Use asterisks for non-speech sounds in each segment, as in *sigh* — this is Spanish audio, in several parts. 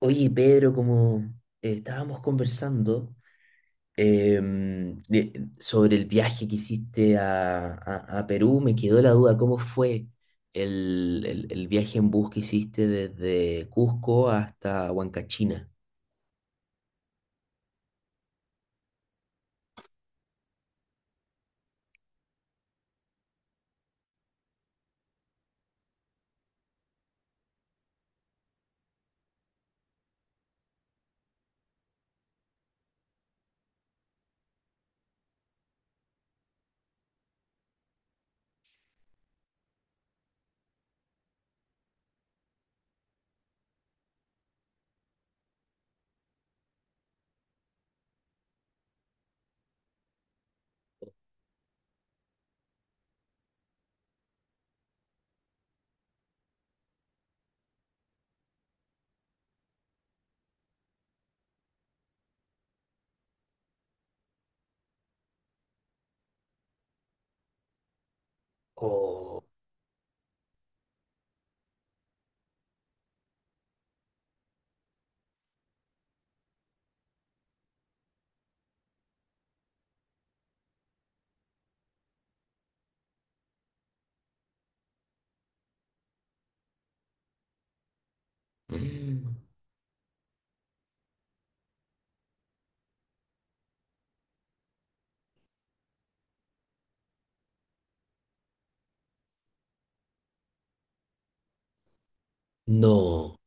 Oye, Pedro, como estábamos conversando sobre el viaje que hiciste a Perú, me quedó la duda, ¿cómo fue el viaje en bus que hiciste desde Cusco hasta Huancachina? Oh. Mm. No,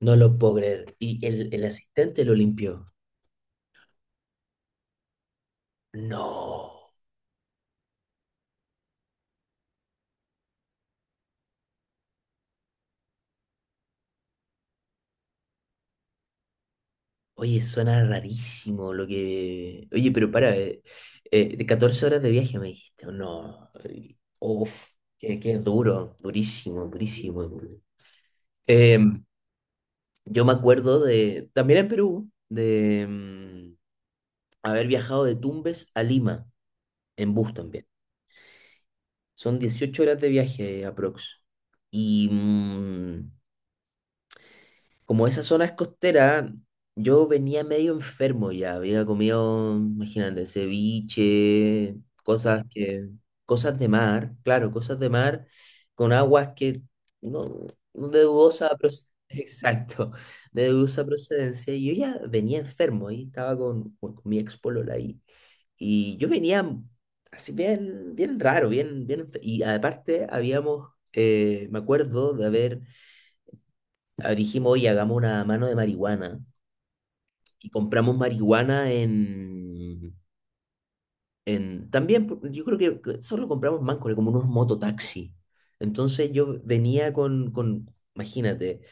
no lo puedo creer. ¿Y el asistente lo limpió? No. Oye, suena rarísimo lo que. Oye, pero para, de 14 horas de viaje me dijiste, o no, uf, que es duro, durísimo, durísimo. Em, yo me acuerdo de, también en Perú, de haber viajado de Tumbes a Lima, en bus también. Son 18 horas de viaje aprox. Y como esa zona es costera, yo venía medio enfermo ya. Había comido, imagínate, ceviche, cosas que, cosas de mar, claro, cosas de mar con aguas que no, no, de dudosa procedencia. *laughs* Exacto, de dudosa procedencia. Y yo ya venía enfermo y estaba con mi ex polola ahí. Y yo venía así bien, bien raro, bien, bien. Y aparte habíamos, me acuerdo de haber ah, dijimos, oye, hagamos una mano de marihuana. Y compramos marihuana en también, yo creo que solo compramos mancos, como unos mototaxi. Entonces yo venía imagínate,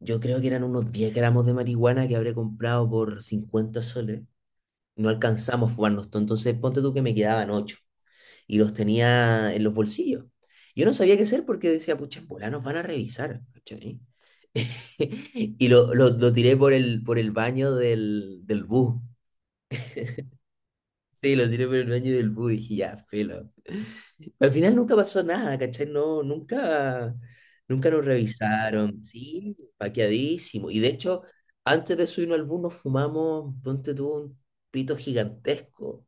yo creo que eran unos 10 gramos de marihuana que habré comprado por 50 soles. No alcanzamos a fumarnos todo, entonces ponte tú que me quedaban 8 y los tenía en los bolsillos. Yo no sabía qué hacer porque decía, pucha, en bola nos van a revisar. ¿Cachai? *laughs* Y lo tiré por el baño del bus. Sí, lo tiré por el baño del bus y dije, ya, filo. Al final nunca pasó nada, ¿cachai? No, nunca, nunca nos revisaron. Sí, paqueadísimo. Y de hecho, antes de subirnos al bus nos fumamos, donde tuvo un pito gigantesco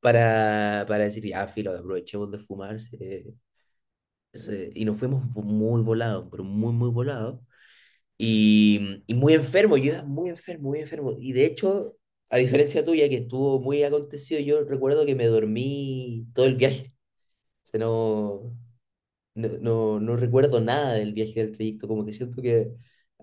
para decir, ya, filo, aprovechemos de fumarse y nos fuimos muy volados, pero muy, muy volados. Y muy enfermo, yo era muy enfermo, muy enfermo. Y de hecho, a diferencia tuya, que estuvo muy acontecido, yo recuerdo que me dormí todo el viaje. O sea, no, no, no, no recuerdo nada del viaje, del trayecto. Como que siento que,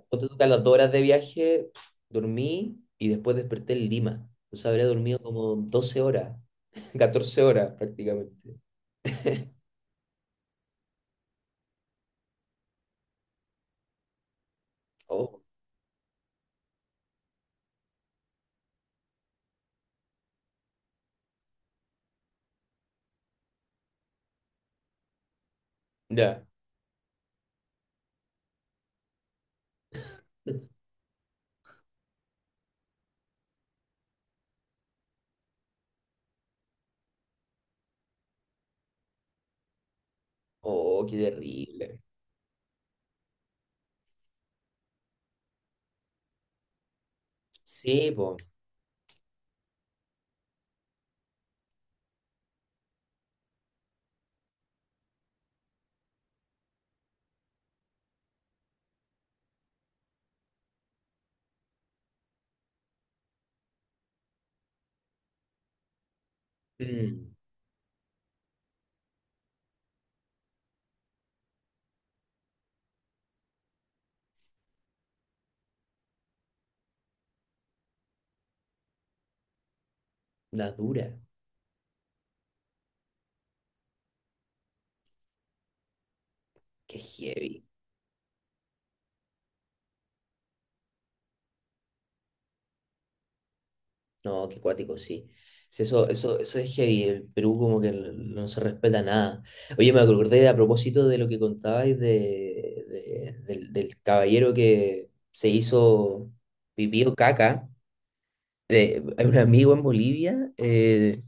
ponte tú que a las 2 horas de viaje, dormí y después desperté en Lima. O sea, habría dormido como 12 horas, *laughs* 14 horas prácticamente. Oh, ya. Oh, qué terrible. Sí, pues. Mm. La dura. Qué heavy. No, qué cuático, sí. Sí, eso es heavy. El Perú como que no se respeta nada. Oye, me acordé a propósito de lo que contabais del caballero que se hizo pipí o caca. Hay un amigo en Bolivia, eh,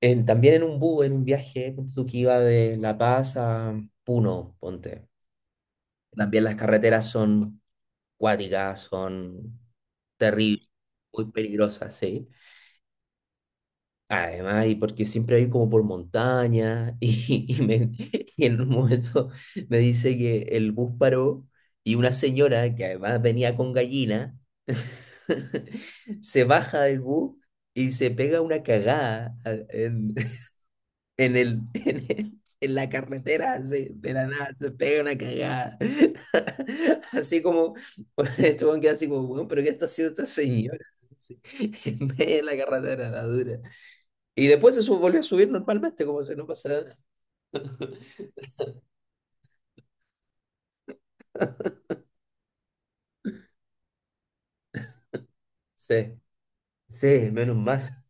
en- también en un bus, en un viaje, ponte tú que iba de La Paz a Puno, ponte. También las carreteras son cuáticas, son terribles, muy peligrosas, sí. Además, y porque siempre hay como por montaña, y, *laughs* y en un momento me dice que el bus paró y una señora, que además venía con gallina, *laughs* se baja del bus y se pega una cagada en el, *laughs* en la carretera de la nada se pega una cagada. *laughs* Así como, *laughs* este weón queda así como, weón, pero ¿qué está haciendo esta señora? *laughs* Así, en medio de la carretera, la dura. Y después volvió a subir normalmente, como si no pasara nada. Sí, sí, menos mal.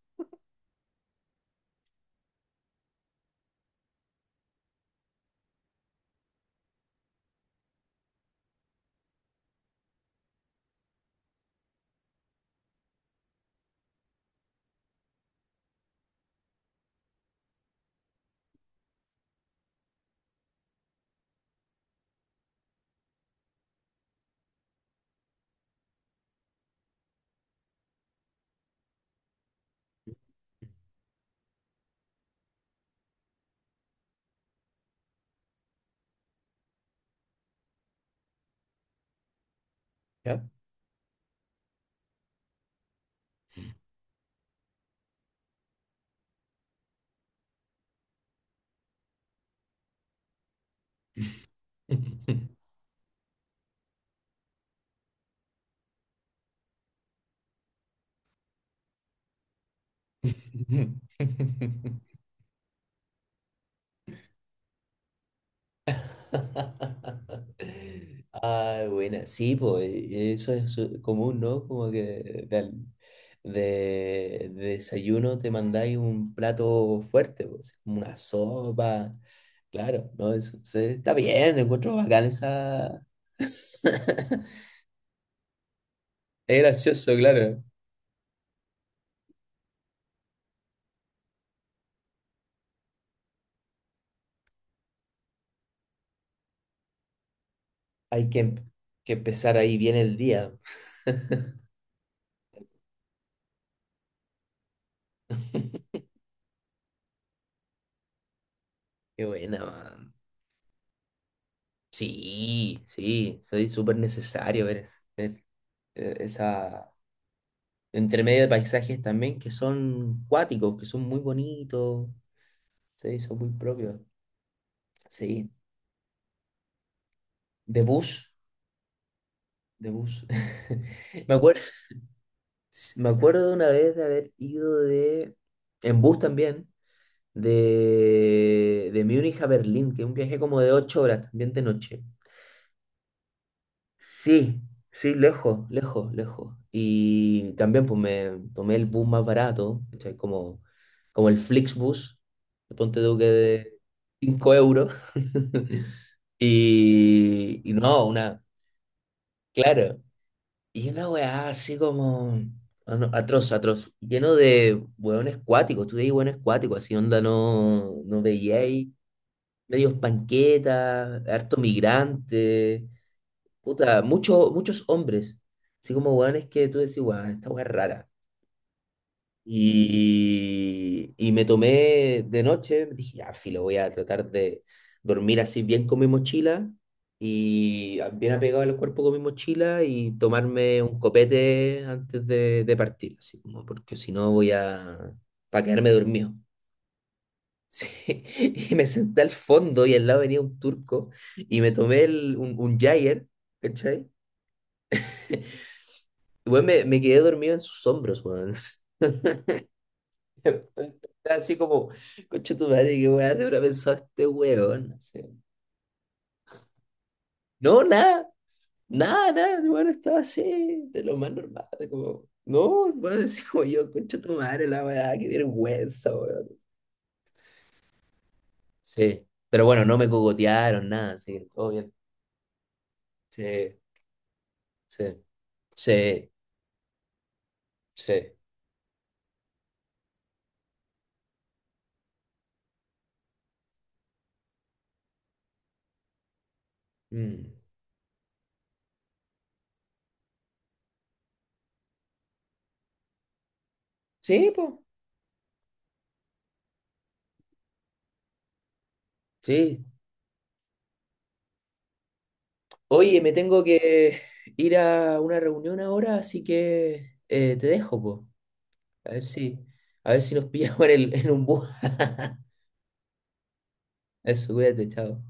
¿Ya? *laughs* *laughs* Ah, buena. Sí, pues eso es común, ¿no? Como que de desayuno te mandáis un plato fuerte, pues, como una sopa. Claro, ¿no? Eso, está bien, encuentro bacán esa. *laughs* Es gracioso, claro. Hay que empezar ahí bien el día. Qué buena, man. Sí, sí, soy súper necesario ver, esa. Entre medio de paisajes también que son cuáticos, que son muy bonitos, se hizo muy propio. Sí, de bus, de bus. *laughs* Me acuerdo, me acuerdo de una vez de haber ido en bus también, de Múnich a Berlín, que es un viaje como de 8 horas, también de noche. Sí, sí, lejos, lejos, lejos. Y también pues me tomé el bus más barato, ¿cachai? Como el Flixbus, ponte tú que de 5 euros. *laughs* Y no, una, claro. Y una weá así como ah, no, atroz, atroz, lleno de hueones cuáticos, tú veis hueones cuáticos, así onda no, no veíais, medios panquetas, harto migrante puta, muchos muchos hombres, así como weones que tú decís, weón, esta weá es rara. Y me tomé de noche, dije, ya, filo, voy a tratar de dormir así bien con mi mochila y bien apegado al cuerpo con mi mochila y tomarme un copete antes de partir, así como, porque si no voy a, para quedarme dormido. *laughs* Sí. Y me senté al fondo y al lado venía un turco y me tomé un Jager, ¿cachai? Weón, me quedé dormido en sus hombros, weón. *laughs* Estaba así como, concha tu madre, qué weá te habrá pensado este weón. Así. No, nada, nada, nada, el weón estaba así, de lo más normal, de como, no, el weón, *laughs* así como yo, concha tu madre, la weá, qué vergüenza, weón. Sí, pero bueno, no me cogotearon, nada, así que todo bien. Sí, sí, sí, sí. Mm. Sí, pues, sí. Oye, me tengo que ir a una reunión ahora, así que te dejo, po. A ver si, a ver si nos *laughs* pillamos en un bus. *laughs* Eso, cuídate, chao.